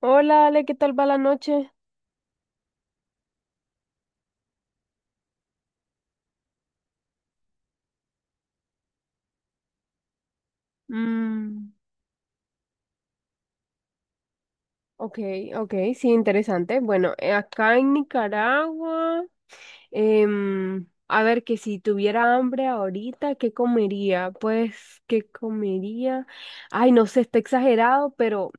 Hola, Ale, ¿qué tal va la noche? Mm. Ok, ok, sí, interesante. Bueno, acá en Nicaragua, a ver, que si tuviera hambre ahorita, ¿qué comería? Pues, ¿qué comería? Ay, no sé, está exagerado, pero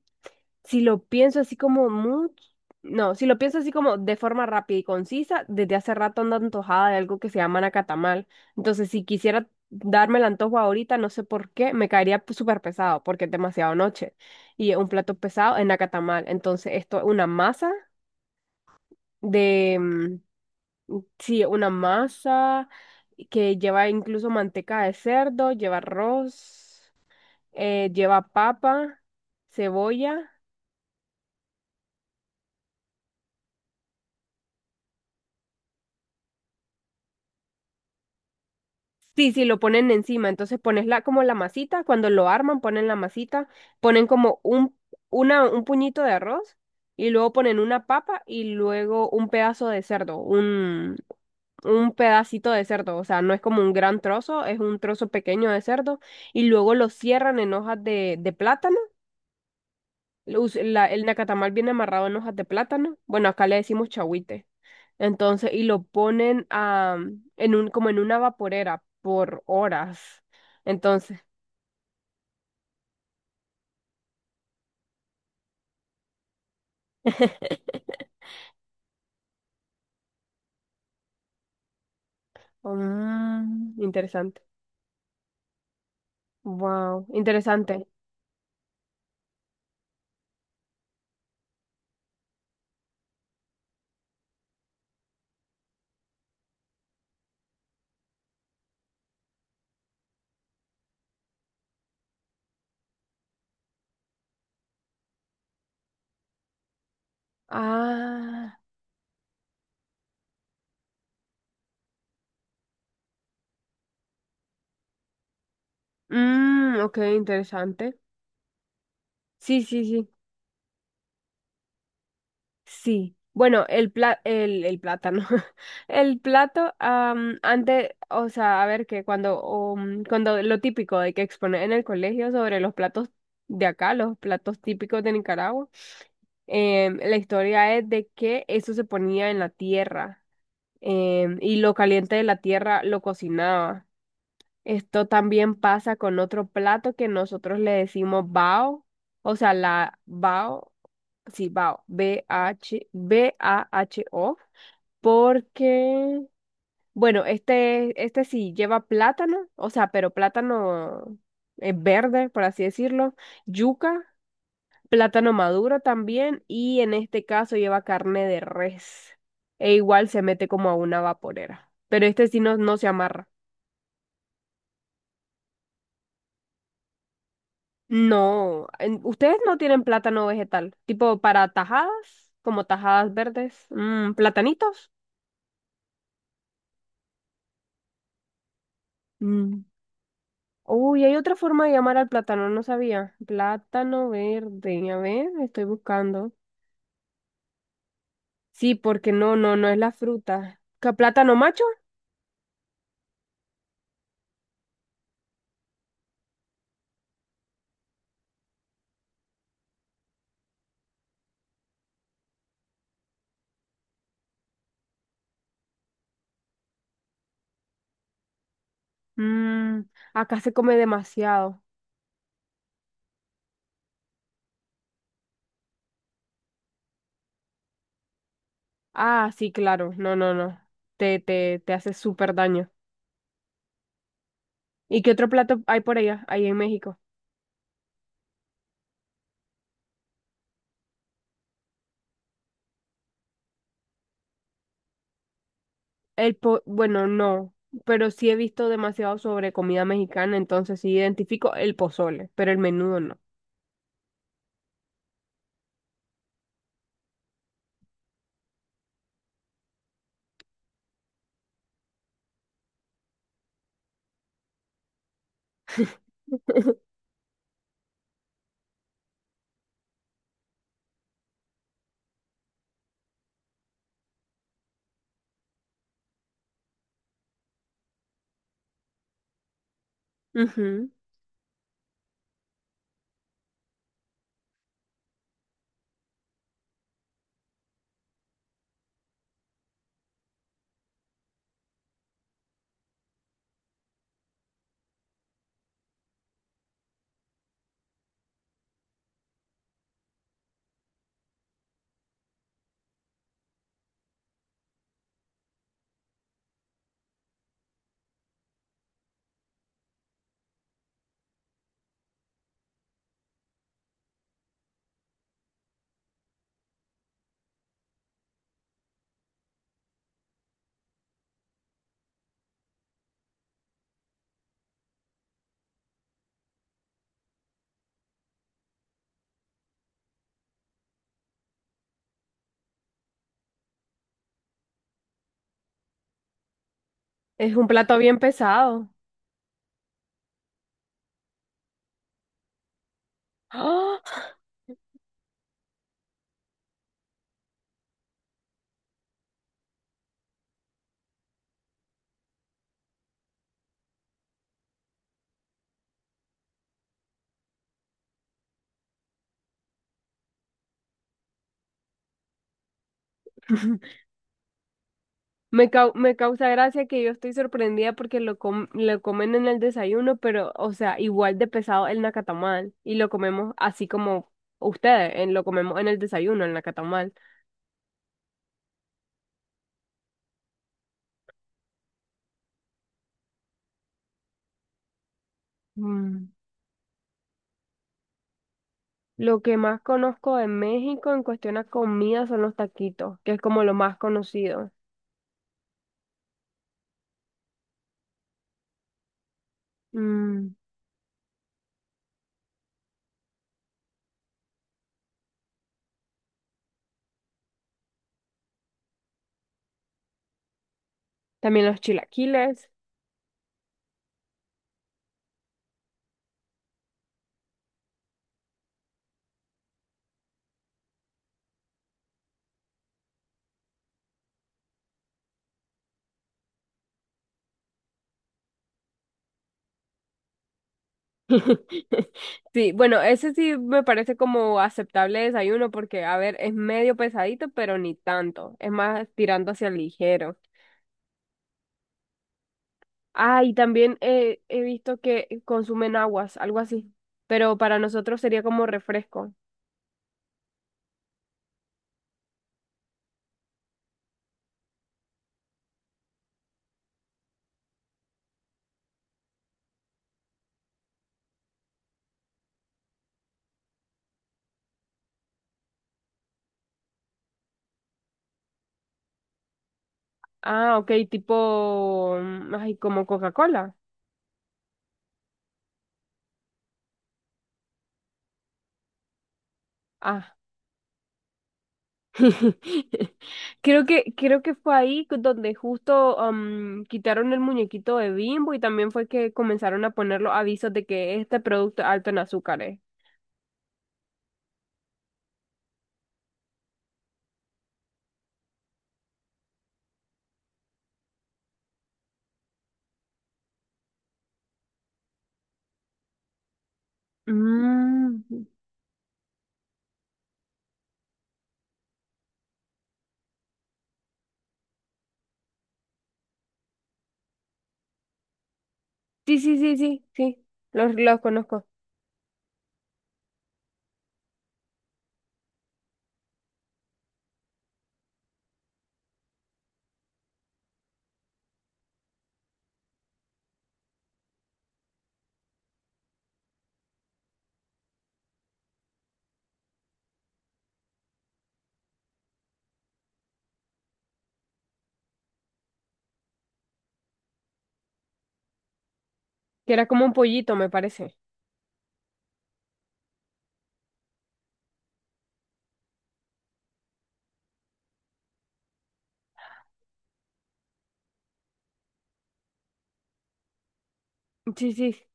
si lo pienso así como mucho, no, si lo pienso así como de forma rápida y concisa, desde hace rato ando antojada de algo que se llama nacatamal. Entonces, si quisiera darme el antojo ahorita, no sé por qué, me caería pues, súper pesado porque es demasiado noche. Y un plato pesado es nacatamal. Entonces, esto es una masa de, mm, sí, una masa que lleva incluso manteca de cerdo, lleva arroz, lleva papa, cebolla. Sí, sí, lo ponen encima. Entonces pones la, como la masita, cuando lo arman, ponen la masita, ponen como un, una, un puñito de arroz y luego ponen una papa y luego un pedazo de cerdo, un pedacito de cerdo. O sea, no es como un gran trozo, es un trozo pequeño de cerdo y luego lo cierran en hojas de plátano. El nacatamal viene amarrado en hojas de plátano. Bueno, acá le decimos chahuite. Y lo ponen en un, como en una vaporera por horas. Entonces, mm, interesante. Wow, interesante. Ah, mm, ok, interesante. Sí, sí, sí. Sí, bueno, el plátano. Antes, o sea, a ver que cuando, um, cuando lo típico de que exponer en el colegio sobre los platos de acá, los platos típicos de Nicaragua, la historia es de que eso se ponía en la tierra, y lo caliente de la tierra lo cocinaba. Esto también pasa con otro plato que nosotros le decimos bao, o sea, la bao, sí, bao, B-H, B-A-H-O, porque, bueno, este sí lleva plátano, o sea, pero plátano verde, por así decirlo, yuca, plátano maduro también, y en este caso lleva carne de res, e igual se mete como a una vaporera, pero este sí no, no se amarra. No, ustedes no tienen plátano vegetal, tipo para tajadas, como tajadas verdes, mm, platanitos. Mm. Uy, hay otra forma de llamar al plátano, no sabía. Plátano verde, a ver, estoy buscando. Sí, porque no, no, no es la fruta. ¿Qué, plátano macho? Mm, acá se come demasiado. Ah, sí, claro, no, no, no. Te hace súper daño. ¿Y qué otro plato hay por allá, ahí en México? Bueno, no, pero sí he visto demasiado sobre comida mexicana, entonces sí identifico el pozole, pero el menudo no. Ujú. Es un plato bien pesado. ¡Ah! Me causa gracia que yo estoy sorprendida porque lo comen en el desayuno, pero, o sea, igual de pesado el nacatamal. Y lo comemos así como ustedes, lo comemos en el desayuno, el nacatamal. Lo que más conozco de México en cuestión a comida son los taquitos, que es como lo más conocido. Mm, también los chilaquiles. Sí, bueno, ese sí me parece como aceptable desayuno porque, a ver, es medio pesadito, pero ni tanto. Es más tirando hacia el ligero. Ah, y también he visto que consumen aguas, algo así. Pero para nosotros sería como refresco. Ah, ok, tipo, mm, ay, como Coca-Cola. Ah. Creo que fue ahí donde justo quitaron el muñequito de Bimbo y también fue que comenzaron a poner los avisos de que este producto es alto en azúcares. Mm. Sí, sí, sí, sí, sí, los conozco. Que era como un pollito, me parece. Sí, sí.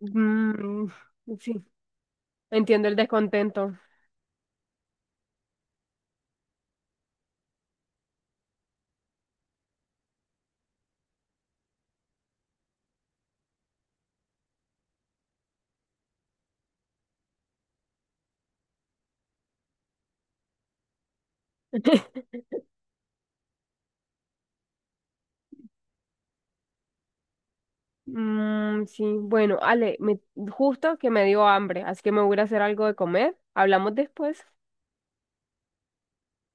Mm, sí, entiendo el descontento. Mm, sí, bueno, Ale, justo que me dio hambre, así que me voy a ir a hacer algo de comer. Hablamos después.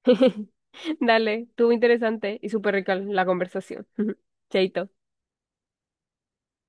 Dale, estuvo interesante y súper rica la conversación. Chaito.